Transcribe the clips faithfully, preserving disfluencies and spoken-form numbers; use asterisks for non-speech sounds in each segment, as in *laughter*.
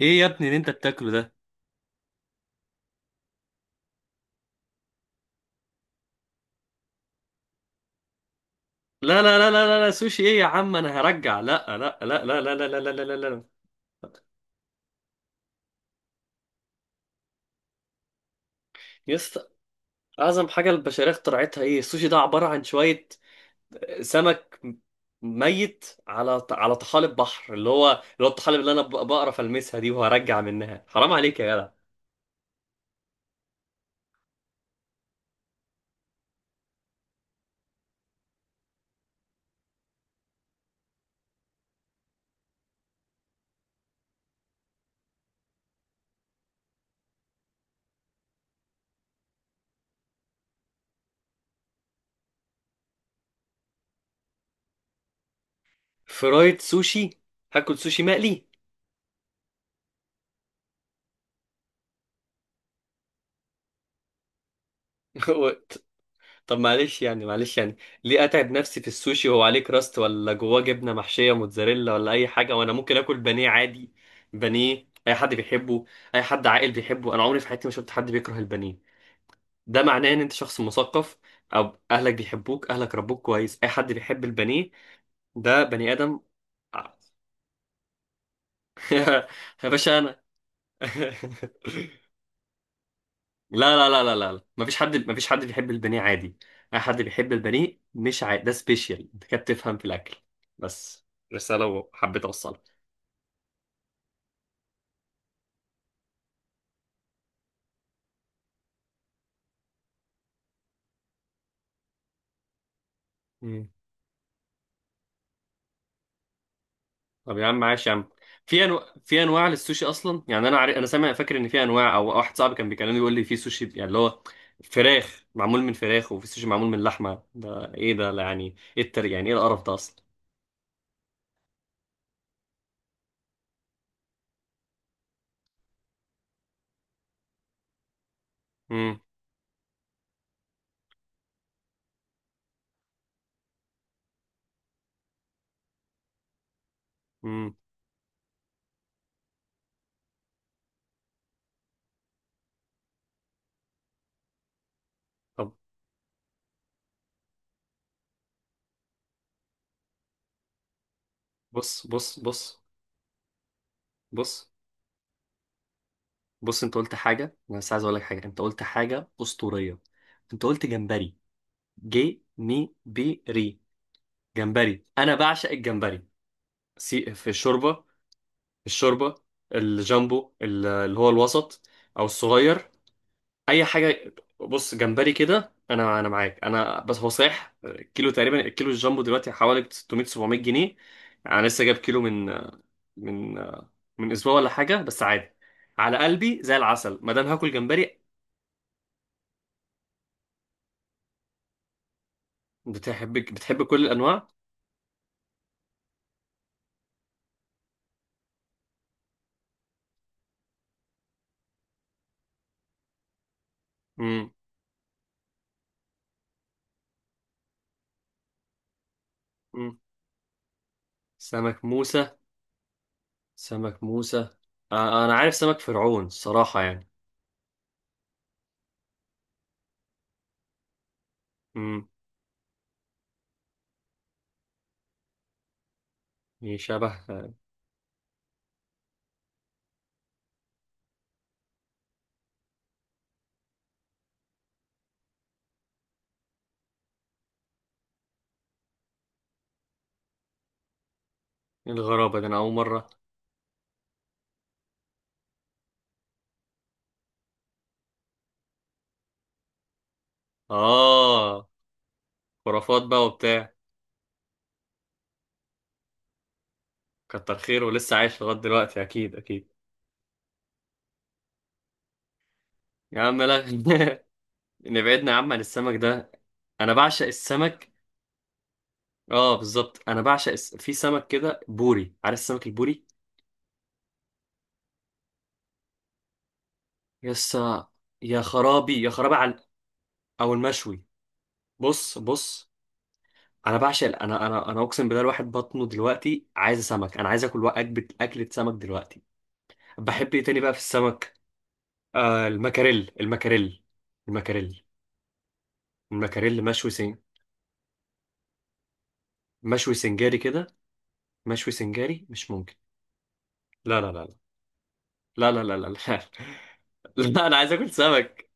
ايه يا ابني اللي انت بتاكله ده؟ لا لا لا لا لا لا، سوشي ايه يا عم؟ انا هرجع. لا لا لا لا لا لا لا لا لا لا لا. يا اسطى، اعظم حاجه البشريه اخترعتها ايه؟ السوشي ده عباره عن شويه سمك ميت على على طحالب بحر، اللي هو اللي هو الطحالب اللي انا ب- بقرف المسها دي، وهرجع منها. حرام عليك يا جدع. فرايد سوشي؟ هاكل سوشي مقلي؟ *laughs* طب معلش يعني، معلش يعني ليه اتعب نفسي في السوشي وهو عليه كراست ولا جواه جبنه محشيه موتزاريلا ولا اي حاجه، وانا ممكن اكل بانيه عادي؟ بانيه اي حد بيحبه، اي حد عاقل بيحبه. انا عمري في حياتي ما شفت حد بيكره البانيه. ده معناه ان انت شخص مثقف، او اهلك بيحبوك، اهلك ربوك كويس. اي حد بيحب البانيه ده بني ادم. *laughs* يا باشا انا *laughs* لا لا لا لا لا لا. مفيش حد، مفيش حد بيحب البانيه عادي. اي حد بيحب البانيه مش عادي، ده سبيشال. انت كده بتفهم في الاكل. بس رساله وحبيت اوصلها. مم. طب يا عم معلش يا عم، في انواع، في انواع للسوشي اصلا. يعني انا عارف، انا سامع، فاكر ان في انواع، او واحد صاحبي كان بيكلمني يقول لي في سوشي يعني اللي هو فراخ، معمول من فراخ، وفي سوشي معمول من لحمه. ده ايه ده؟ لا، يعني ايه التر، يعني ايه القرف ده اصلا؟ امم امم. طب بص بص بص بص بص، انت قلت حاجة، انا بس عايز اقول لك حاجة. انت قلت حاجة أسطورية. انت قلت جمبري. جي مي، بي ري. جمبري، انا بعشق الجمبري. سي في الشوربة، في الشوربة. الجامبو، ال- اللي هو الوسط، او الصغير، اي حاجة. بص، جمبري كده، انا انا معاك. انا بس هو صحيح، كيلو تقريبا، الكيلو الجامبو دلوقتي حوالي ست مية سبعمية جنيه. يعني انا لسه جايب كيلو من من من اسبوع ولا حاجه، بس عادي على قلبي زي العسل ما دام هاكل جمبري. بتحب بتحب كل الانواع؟ امم امم. سمك موسى؟ سمك موسى؟ آه، انا عارف سمك فرعون الصراحه يعني. امم. إيه شبه؟ آه، الغرابه، ده انا اول مره. اه، خرافات بقى وبتاع. كتر خيره ولسه عايش لغايه دلوقتي، اكيد اكيد. يا عم لا، *laughs* نبعدنا يا عم عن السمك ده. انا بعشق السمك. اه بالظبط، انا بعشق الس... في سمك كده بوري، عارف السمك البوري؟ يسا، يا خرابي يا خرابي على، او المشوي. بص بص. انا بعشق ال- انا انا انا اقسم بالله، الواحد بطنه دلوقتي عايز سمك. انا عايز اكل اكله، اكله سمك دلوقتي. بحب ايه تاني بقى في السمك؟ آه، المكاريل المكاريل. المكاريل. المكاريل مشوي سن... مشوي سنجاري كده. مشوي سنجاري مش ممكن. لا لا لا لا لا لا لا لا لا، *laughs* لا انا عايز اكل سمك.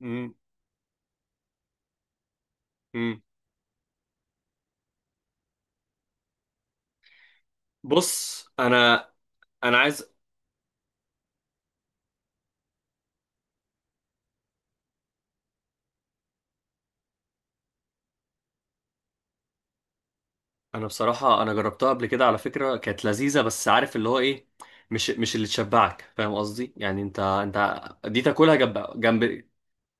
مم. مم. بص انا، انا عايز انا بصراحه انا جربتها قبل كده على فكره، كانت لذيذه، بس عارف اللي هو ايه؟ مش مش اللي تشبعك، فاهم قصدي؟ يعني انت، انت دي تاكلها جنب جنب.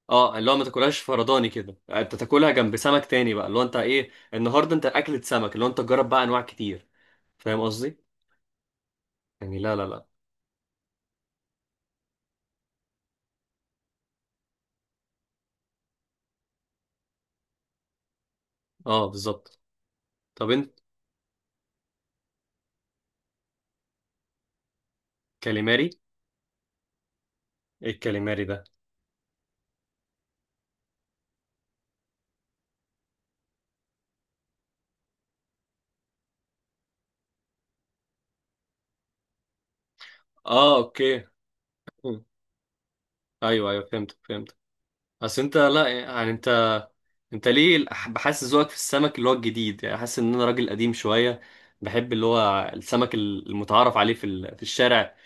اه، اللي هو ما تاكلهاش فرداني كده، انت تاكلها جنب سمك تاني بقى. اللي هو انت ايه النهارده؟ انت اكلة سمك، اللي هو انت تجرب بقى انواع كتير، فاهم قصدي؟ يعني لا لا لا. اه بالظبط. طب انت، كاليماري؟ ايه الكاليماري ده؟ اه اوكي. مم. ايوه ايوه، فهمت فهمت. بس انت، لا يعني انت، انت ليه الح- بحس ذوقك في السمك اللي هو الجديد؟ يعني حاسس ان انا راجل قديم شويه، بحب اللي هو السمك المتعارف عليه في ال- في الشارع،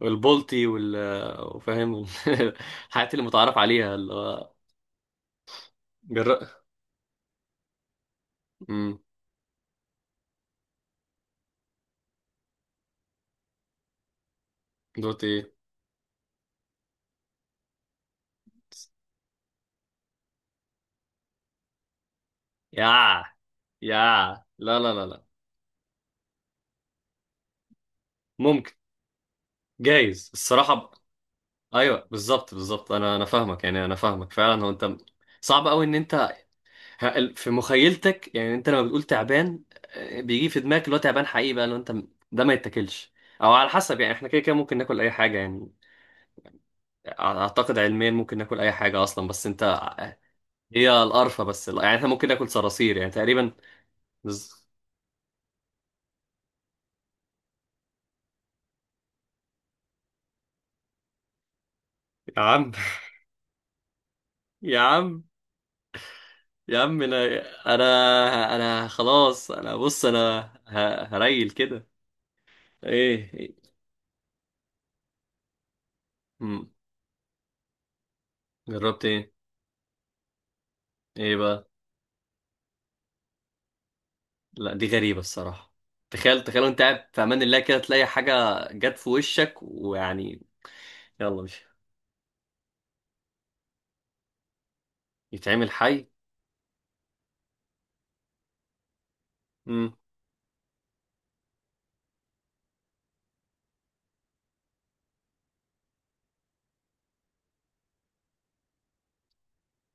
والبلطي وال، وفاهم ال- *laughs* الحاجات اللي متعارف عليها، اللي هو جر... امم. دوت ايه؟ يا، يا، لا لا لا لا. ممكن، جايز الصراحه ب... ايوه بالظبط بالظبط. انا انا فاهمك، يعني انا فاهمك فعلا. هو انت، صعب قوي ان انت، ه- في مخيلتك، يعني انت لما بتقول تعبان، آه، بيجي في دماغك اللي هو تعبان حقيقي بقى. لو انت م- ده ما يتاكلش، او على حسب. يعني احنا كده كده ممكن ناكل اي حاجه يعني. أع- اعتقد علميا ممكن ناكل اي حاجه اصلا، بس انت ع- هي القرفه بس ال- يعني احنا ممكن ناكل صراصير يعني تقريبا. بز- يا عم *laughs* يا عم، يا عم انا، انا انا خلاص انا، بص انا ه- هريل كده. ايه إيه؟ مم. جربت ايه؟ ايه بقى؟ لا دي غريبة الصراحة. تخيل تخيل وانت قاعد في امان الله كده تلاقي حاجة جت في وشك، ويعني، يلا مش، يتعمل حي؟ مم.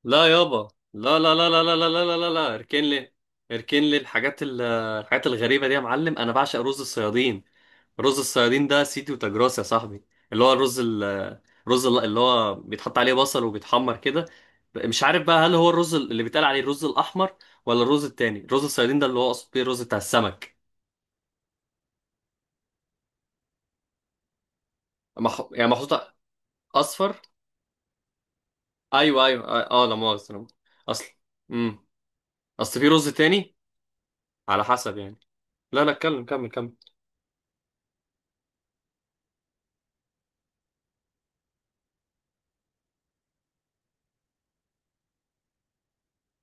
لا يابا. لا لا لا لا لا لا لا لا لا لا، اركن لي، اركن لي الحاجات ال- الحاجات الغريبة دي يا معلم. انا بعشق رز الصيادين. رز الصيادين ده سيتي وتجراس يا صاحبي. اللي هو الرز ال- الرز ال- اللي هو بيتحط عليه بصل وبيتحمر كده. مش عارف بقى، هل هو الرز اللي بيتقال عليه الرز الاحمر، ولا الرز التاني؟ رز الصيادين ده اللي هو اقصد بيه الرز بتاع السمك. مح... يعني محطوطة. أصفر. أيوه أيوه أه. آه، لا مؤاخذة لا مؤاخذة. أصل، أمم. أصل في رز تاني، على حسب يعني. لا لا، اتكلم، كمل كمل.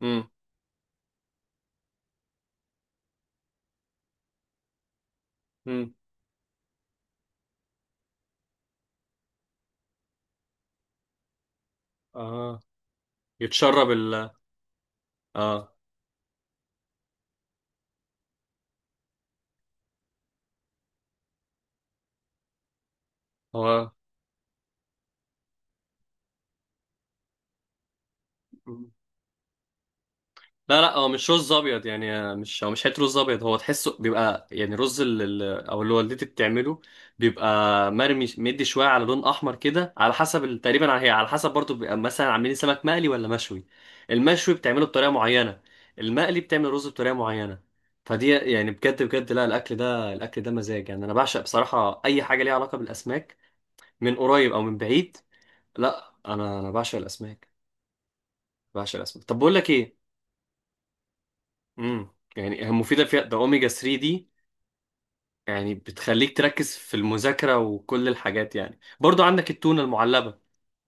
أمم. أمم. آه، يتشرب ال، آه. هو لا لا، هو مش رز ابيض، يعني مش، هو مش حته رز ابيض، هو تحسه بيبقى يعني رز ال- ال- او اللي والدتي بتعمله، بيبقى مرمي مدي شويه على لون احمر كده، على حسب ال- تقريبا على، هي على حسب برضو، بيبقى مثلا عاملين سمك مقلي ولا مشوي. المشوي بتعمله بطريقه معينه، المقلي بتعمل رز بطريقه معينه. فدي يعني بجد بجد، لا، الاكل ده، الاكل ده مزاج يعني. انا بعشق بصراحه اي حاجه ليها علاقه بالاسماك، من قريب او من بعيد. لا انا، انا بعشق الاسماك. بعشق الاسماك. طب بقول لك ايه؟ امم، يعني مفيده، في ده اوميجا تلاتة دي، يعني بتخليك تركز في المذاكره وكل الحاجات. يعني برضو عندك التونه المعلبه،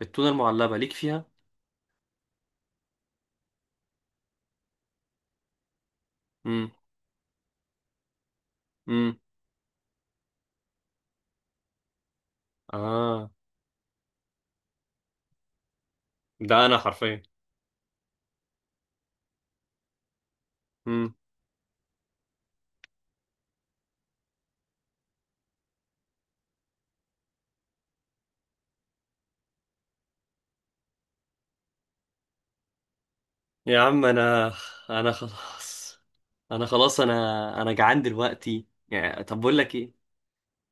التونه المعلبه ليك فيها؟ امم امم. اه، ده انا حرفيا. امم. يا عم انا، انا خلاص انا خلاص انا انا جعان دلوقتي يعني. طب بقول لك ايه؟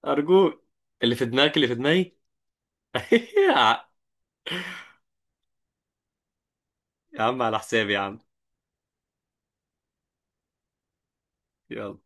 ارجوك، اللي في دماغك اللي في دماغي. *laughs* يا عم على حسابي يا عم. يلا.